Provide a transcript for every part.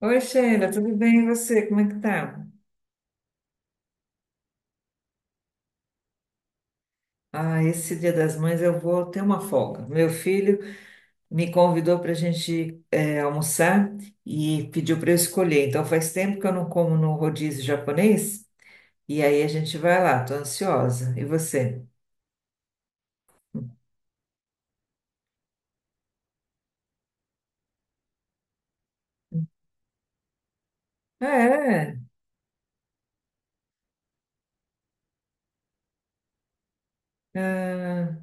Oi, Sheila, tudo bem? E você? Como é que tá? Ah, esse Dia das Mães eu vou ter uma folga. Meu filho me convidou para a gente almoçar e pediu para eu escolher. Então faz tempo que eu não como no rodízio japonês e aí a gente vai lá, tô ansiosa. E você? Ah, é? Ah,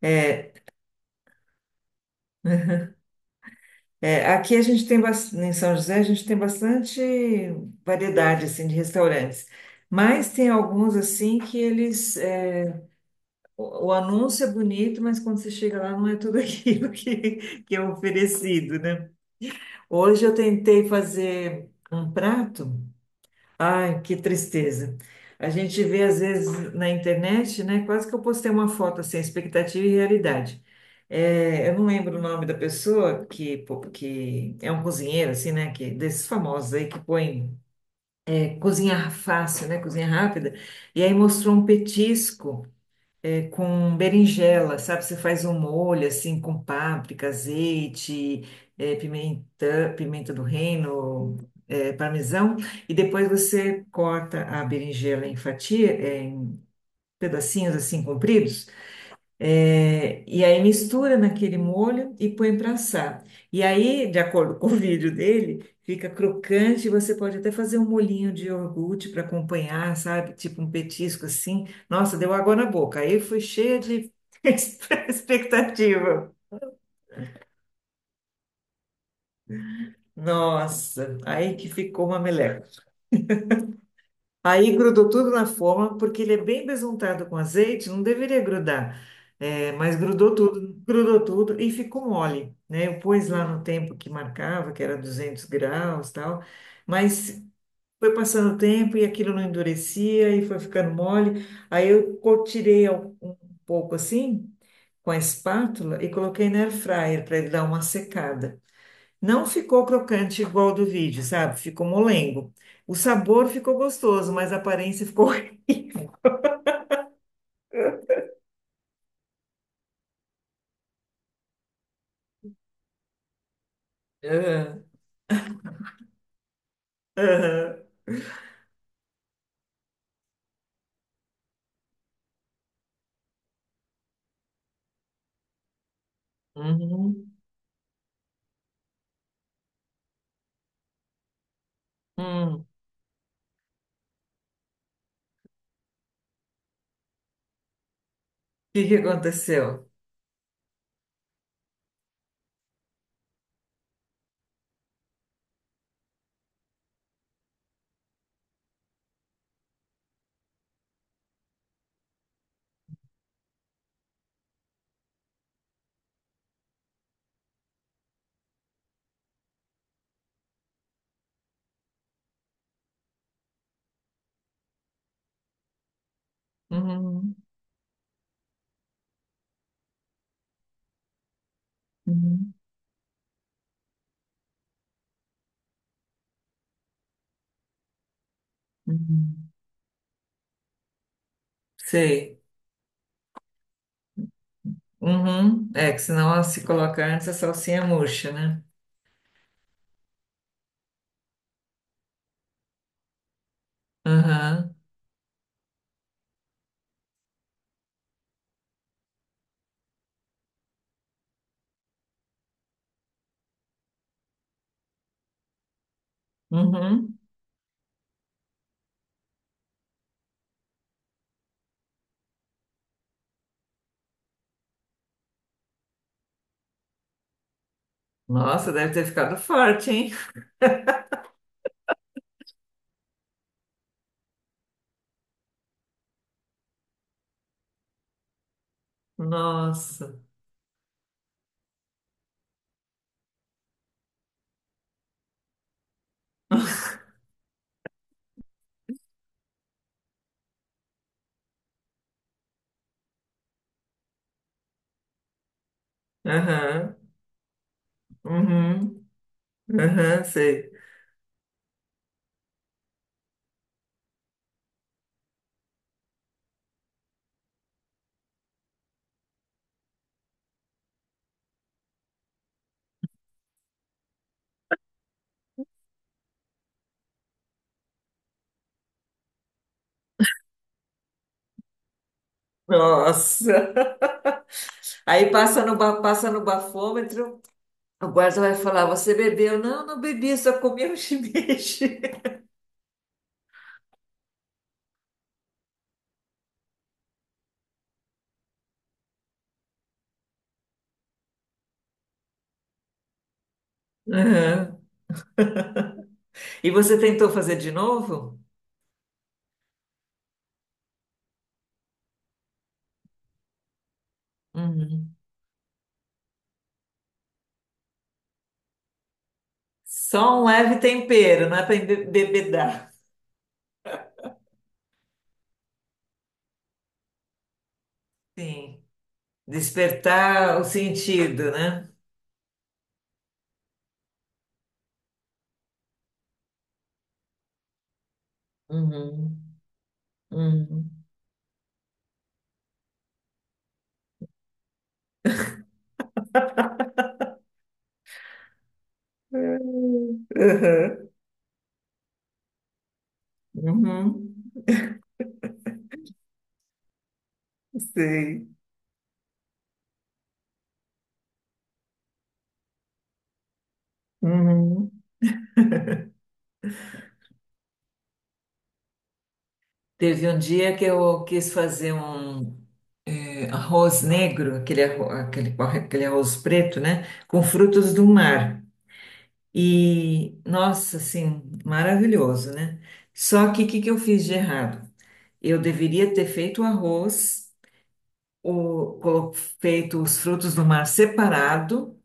é, é, aqui a gente tem em São José a gente tem bastante variedade assim de restaurantes, mas tem alguns assim que eles, o anúncio é bonito, mas quando você chega lá não é tudo aquilo que é oferecido, né? Hoje eu tentei fazer um prato. Ai, que tristeza. A gente vê às vezes na internet, né? Quase que eu postei uma foto assim, expectativa e realidade. É, eu não lembro o nome da pessoa que, pô, que é um cozinheiro, assim, né? Que, desses famosos aí que põe cozinhar fácil, né? Cozinha rápida. E aí mostrou um petisco com berinjela, sabe? Você faz um molho assim com páprica, azeite, pimenta, pimenta do reino, parmesão, e depois você corta a berinjela em fatia, em pedacinhos assim compridos. É, e aí mistura naquele molho e põe para assar. E aí, de acordo com o vídeo dele, fica crocante. Você pode até fazer um molhinho de iogurte para acompanhar, sabe? Tipo um petisco assim. Nossa, deu água na boca. Aí foi cheia de expectativa. Nossa, aí que ficou uma meleca. Aí grudou tudo na forma, porque ele é bem besuntado com azeite, não deveria grudar. É, mas grudou tudo e ficou mole, né? Eu pus lá no tempo que marcava, que era 200 graus, tal, mas foi passando o tempo e aquilo não endurecia e foi ficando mole. Tirei um pouco assim com a espátula e coloquei na air fryer para ele dar uma secada. Não ficou crocante igual do vídeo, sabe? Ficou molengo. O sabor ficou gostoso, mas a aparência ficou. É. Aham. Uhum. Hum. O que que aconteceu? Uhum, uhum, uhum. Sei. Uhum. É que senão, ela se coloca antes, a salsinha murcha, né? Aham. Uhum. Nossa, deve ter ficado forte, hein? Nossa. Aham. Uhum. Aham, sei. Nossa. Aí passa no, passa no bafômetro, o guarda vai falar: Você bebeu? Não, não bebi, só comi um shimeji. Aham. E você tentou fazer de novo? Uhum. Só um leve tempero, não é para embebedar. Sim. Despertar o sentido, né? Uhum. Uhum. Uhum. Uhum. Sei. Uhum. Teve um dia que eu quis fazer um arroz negro, aquele, aquele arroz preto, né? Com frutos do mar. E, nossa, assim, maravilhoso, né? Só que eu fiz de errado? Eu deveria ter feito o arroz, o, colo- feito os frutos do mar separado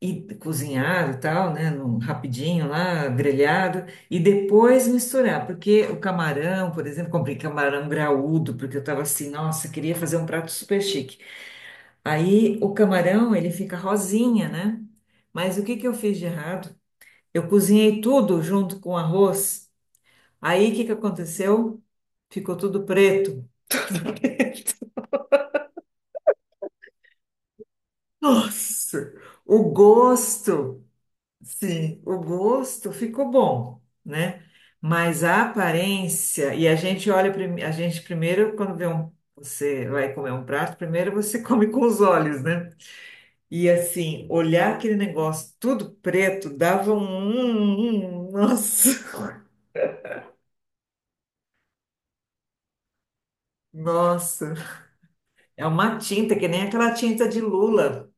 e cozinhado e tal, né? Rapidinho lá, grelhado, e depois misturar, porque o camarão, por exemplo, comprei camarão graúdo, porque eu tava assim, nossa, queria fazer um prato super chique. Aí o camarão, ele fica rosinha, né? Mas o que que eu fiz de errado? Eu cozinhei tudo junto com o arroz. Aí o que que aconteceu? Ficou tudo preto. Nossa, o gosto, sim, o gosto ficou bom, né? Mas a aparência, e a gente olha, a gente primeiro, quando vê um, você vai comer um prato, primeiro você come com os olhos, né? E assim, olhar aquele negócio tudo preto dava um, nossa, nossa. É uma tinta que nem aquela tinta de lula,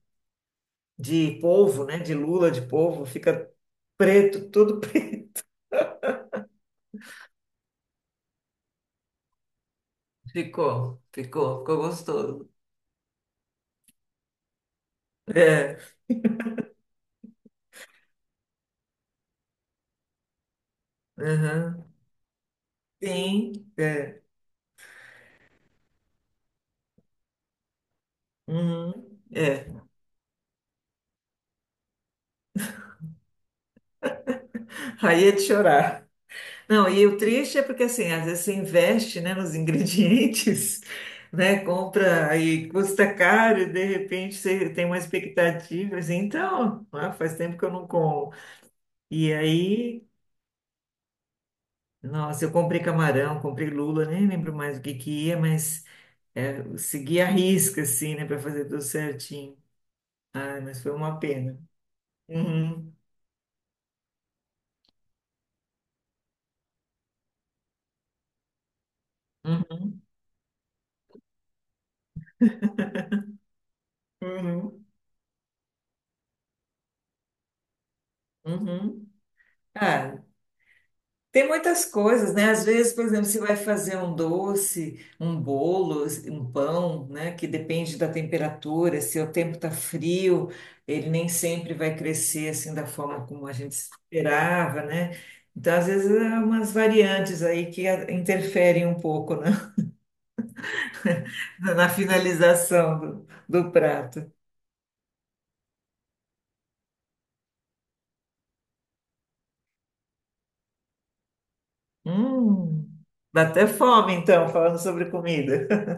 de polvo, né? De lula de polvo, fica preto, tudo preto. Ficou, ficou, ficou gostoso. É, uhum. Sim, uhum. É. Aí é de chorar. Não, e o triste é porque assim, às vezes você investe, né, nos ingredientes, né, compra e custa caro e de repente você tem uma expectativa, assim, então, ah, faz tempo que eu não como. E aí, nossa, eu comprei camarão, comprei lula, nem lembro mais o que que ia, mas é, eu segui a risca, assim, né, para fazer tudo certinho. Ah, mas foi uma pena. Uhum, uhum, uhum, uhum. Ah, tem muitas coisas, né? Às vezes, por exemplo, você vai fazer um doce, um bolo, um pão, né? Que depende da temperatura, se o tempo tá frio, ele nem sempre vai crescer assim da forma como a gente esperava, né? Então, às vezes, há umas variantes aí interferem um pouco, né? Na finalização do prato. Hum, dá até fome, então, falando sobre comida.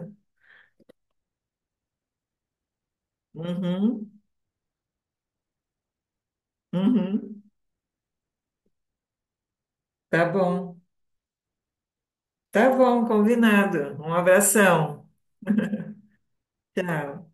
Uhum, uhum. Tá bom. Tá bom, combinado. Um abração. Tchau.